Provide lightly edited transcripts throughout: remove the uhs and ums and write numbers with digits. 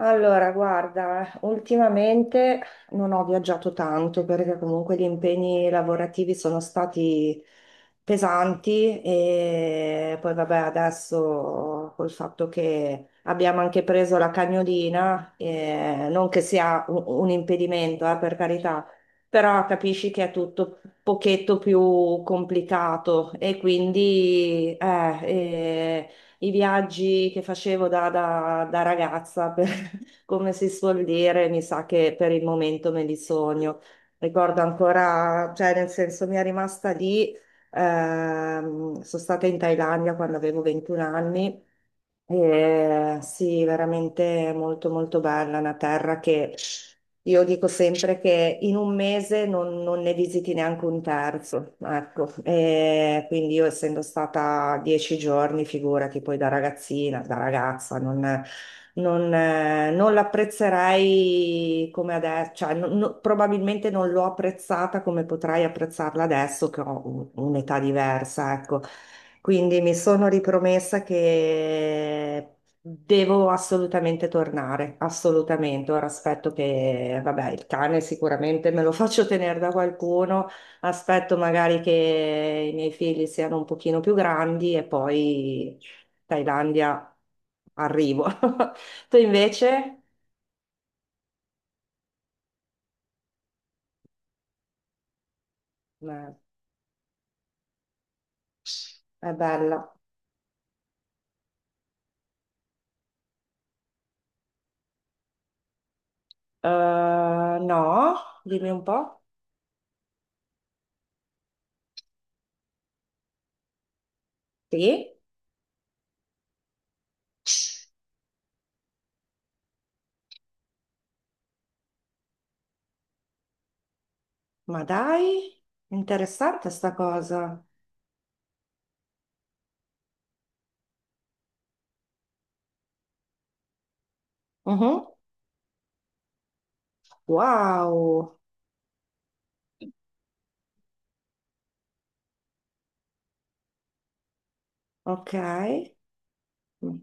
Allora, guarda, ultimamente non ho viaggiato tanto perché comunque gli impegni lavorativi sono stati pesanti e poi vabbè, adesso col fatto che abbiamo anche preso la cagnolina, non che sia un impedimento, per carità, però capisci che è tutto un pochetto più complicato e quindi eh, i viaggi che facevo da ragazza come si suol dire, mi sa che per il momento me li sogno. Ricordo ancora, cioè nel senso mi è rimasta lì, sono stata in Thailandia quando avevo 21 anni. Eh, sì, veramente molto molto bella, una terra che io dico sempre che in un mese non ne visiti neanche un terzo, ecco. Quindi io essendo stata 10 giorni, figurati, poi da ragazzina, da ragazza, non l'apprezzerei come adesso, cioè, probabilmente non l'ho apprezzata come potrei apprezzarla adesso che ho un'età diversa, ecco. Quindi mi sono ripromessa che devo assolutamente tornare, assolutamente. Ora aspetto che, vabbè, il cane sicuramente me lo faccio tenere da qualcuno, aspetto magari che i miei figli siano un pochino più grandi e poi Thailandia arrivo. Tu invece? Beh, è bella. Eh, no, dimmi un po'. Sì? Ma dai, interessante sta cosa. Mhm. Wow, ok. Mm,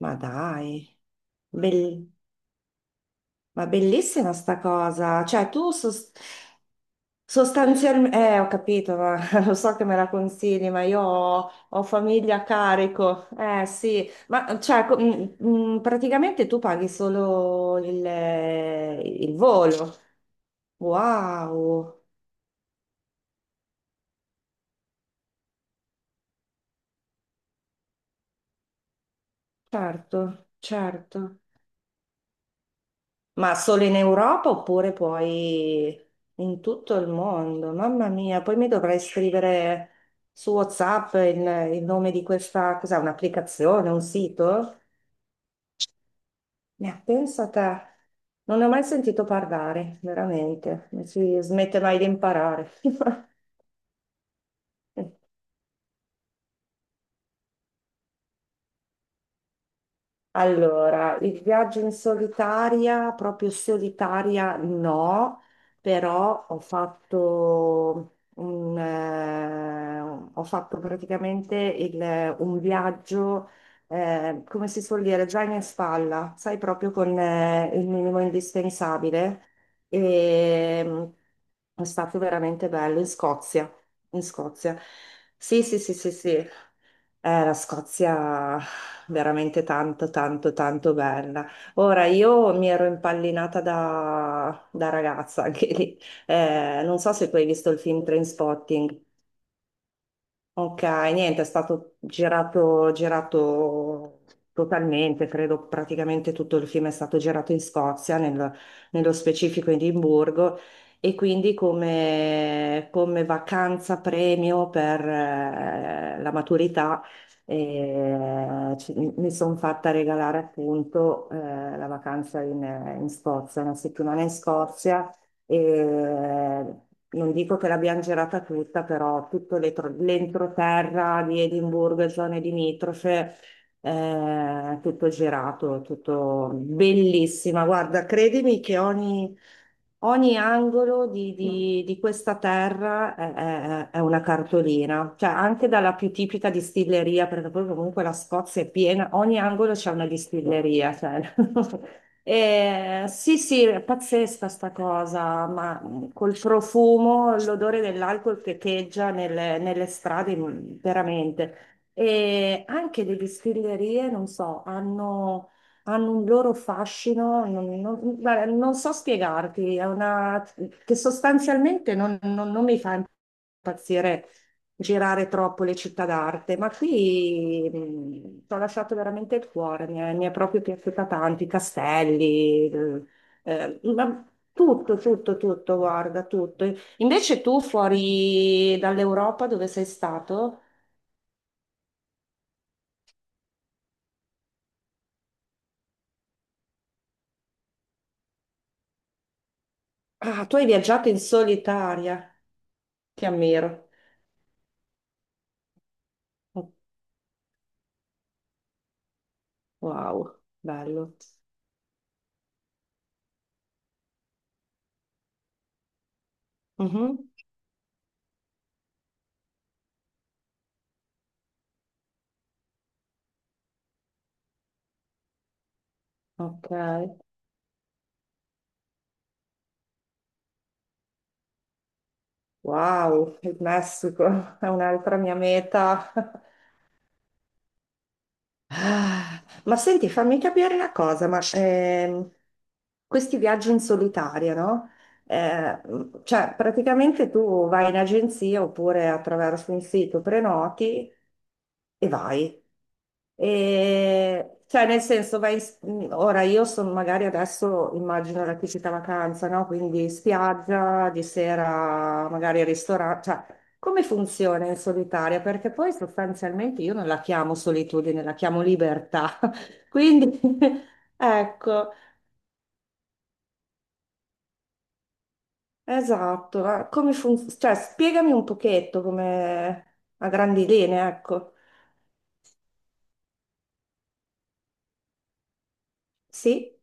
ma dai, Bell- ma bellissima sta cosa. Cioè, tu sostanzialmente. Ho capito, ma lo so che me la consigli, ma io ho famiglia a carico. Sì, ma cioè, praticamente tu paghi solo il volo. Wow, certo, certo. Ma solo in Europa oppure poi in tutto il mondo? Mamma mia, poi mi dovrei scrivere su WhatsApp il nome di questa, cos'è, un'applicazione, un sito? Ne pensa a te. Non ne ho mai sentito parlare, veramente. Non si smette mai di imparare. Allora, il viaggio in solitaria, proprio solitaria no, però ho fatto praticamente un viaggio, come si suol dire, già in spalla, sai, proprio con il minimo indispensabile. E, è stato veramente bello in Scozia, in Scozia. Sì, sì, sì, sì, sì. La Scozia veramente tanto, tanto, tanto bella. Ora, io mi ero impallinata da ragazza anche lì. Non so se tu hai visto il film Trainspotting. Ok, niente, è stato girato, girato totalmente, credo praticamente tutto il film è stato girato in Scozia, nello specifico in Edimburgo, e quindi come vacanza premio per la maturità, mi sono fatta regalare appunto la vacanza in Scozia, una settimana in Scozia, e non dico che l'abbiamo girata tutta, però tutto l'entroterra di Edimburgo e zone limitrofe, tutto girato, tutto bellissima. Guarda, credimi che ogni angolo di questa terra è una cartolina, cioè anche dalla più tipica distilleria, perché poi comunque la Scozia è piena, ogni angolo c'è una distilleria, cioè. Sì, sì, è pazzesca sta cosa, ma col profumo, l'odore dell'alcol che echeggia nelle strade, veramente. E anche le distillerie, non so, hanno un loro fascino, guarda, non so spiegarti, è una, che sostanzialmente non mi fa impazzire girare troppo le città d'arte, ma qui ci ho lasciato veramente il cuore, mi è proprio piaciuta tanto, i castelli, ma tutto, tutto, tutto, guarda, tutto. Invece tu fuori dall'Europa dove sei stato? Ah, tu hai viaggiato in solitaria, ti ammiro. Oh, wow, bello. Mhm. Ok, wow, il Messico è un'altra mia meta. Ah, ma senti, fammi capire una cosa, ma questi viaggi in solitaria, no? Eh, cioè, praticamente tu vai in agenzia oppure attraverso un sito, prenoti e vai. E, cioè, nel senso, vai, ora io sono magari adesso, immagino la tipica vacanza, no? Quindi spiaggia, di sera magari ristorante, come funziona in solitaria? Perché poi sostanzialmente io non la chiamo solitudine, la chiamo libertà. Quindi, ecco, esatto. Ma come funziona? Cioè, spiegami un pochetto come a grandi linee, ecco. Sì?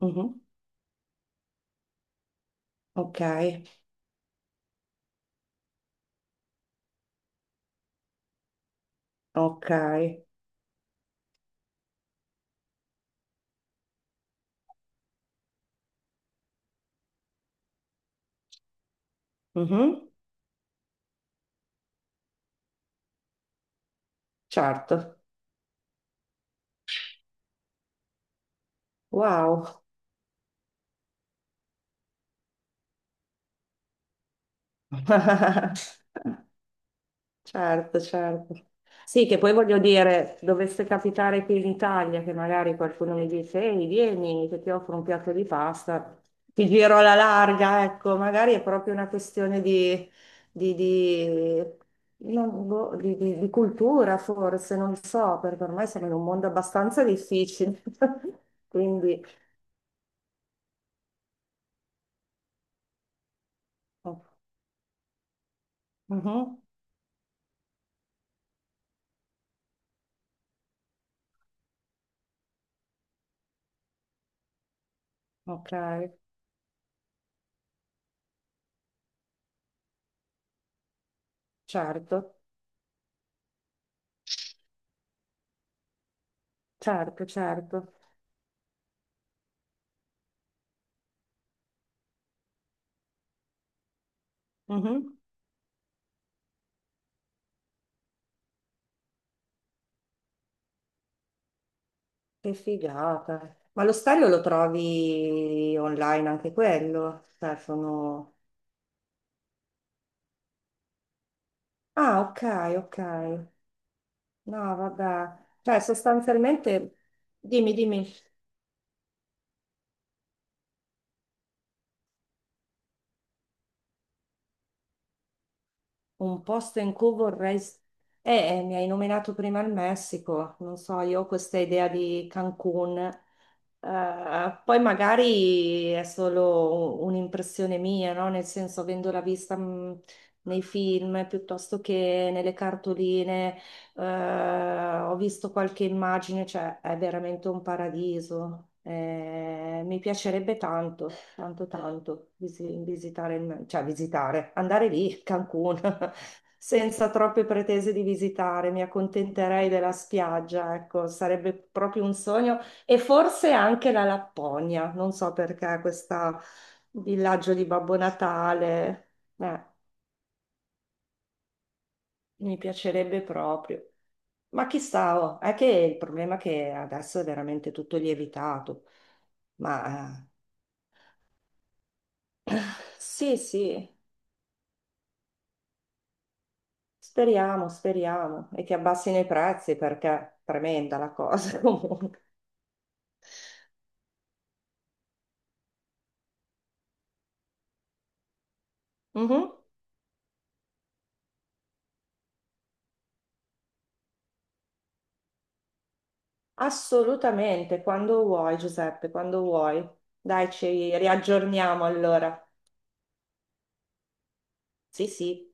Mhm. Ok, ok. Mhm. Certo. Wow. Certo, certo. Sì, che poi voglio dire, dovesse capitare qui in Italia che magari qualcuno mi dice, ehi, vieni, che ti offro un piatto di pasta, ti giro alla larga, ecco, magari è proprio una questione di, di- boh, di cultura, forse, non so, perché ormai siamo in un mondo abbastanza difficile. Quindi, oh, mhm, ok, certo, certo, certo. Mhm. Che figata. Ma lo stadio lo trovi online anche quello? Cioè. Ah, ok, ok. No, vabbè. Cioè, sostanzialmente, dimmi, dimmi. Un posto in cui vorrei. Mi hai nominato prima il Messico, non so, io ho questa idea di Cancun. Poi magari è solo un'impressione mia, no? Nel senso, avendola vista nei film piuttosto che nelle cartoline, eh, ho visto qualche immagine, cioè è veramente un paradiso. Mi piacerebbe tanto tanto tanto visitare, cioè visitare, andare lì, Cancun, senza troppe pretese di visitare, mi accontenterei della spiaggia, ecco, sarebbe proprio un sogno e forse anche la Lapponia, non so perché questo villaggio di Babbo Natale, eh, mi piacerebbe proprio. Ma chissà, oh, è che il problema è che adesso è veramente tutto lievitato, ma eh, sì, sì. Speriamo, speriamo, e che abbassino i prezzi perché è tremenda la cosa comunque. Mhm. Assolutamente, quando vuoi, Giuseppe, quando vuoi. Dai, ci riaggiorniamo allora. Sì, sì.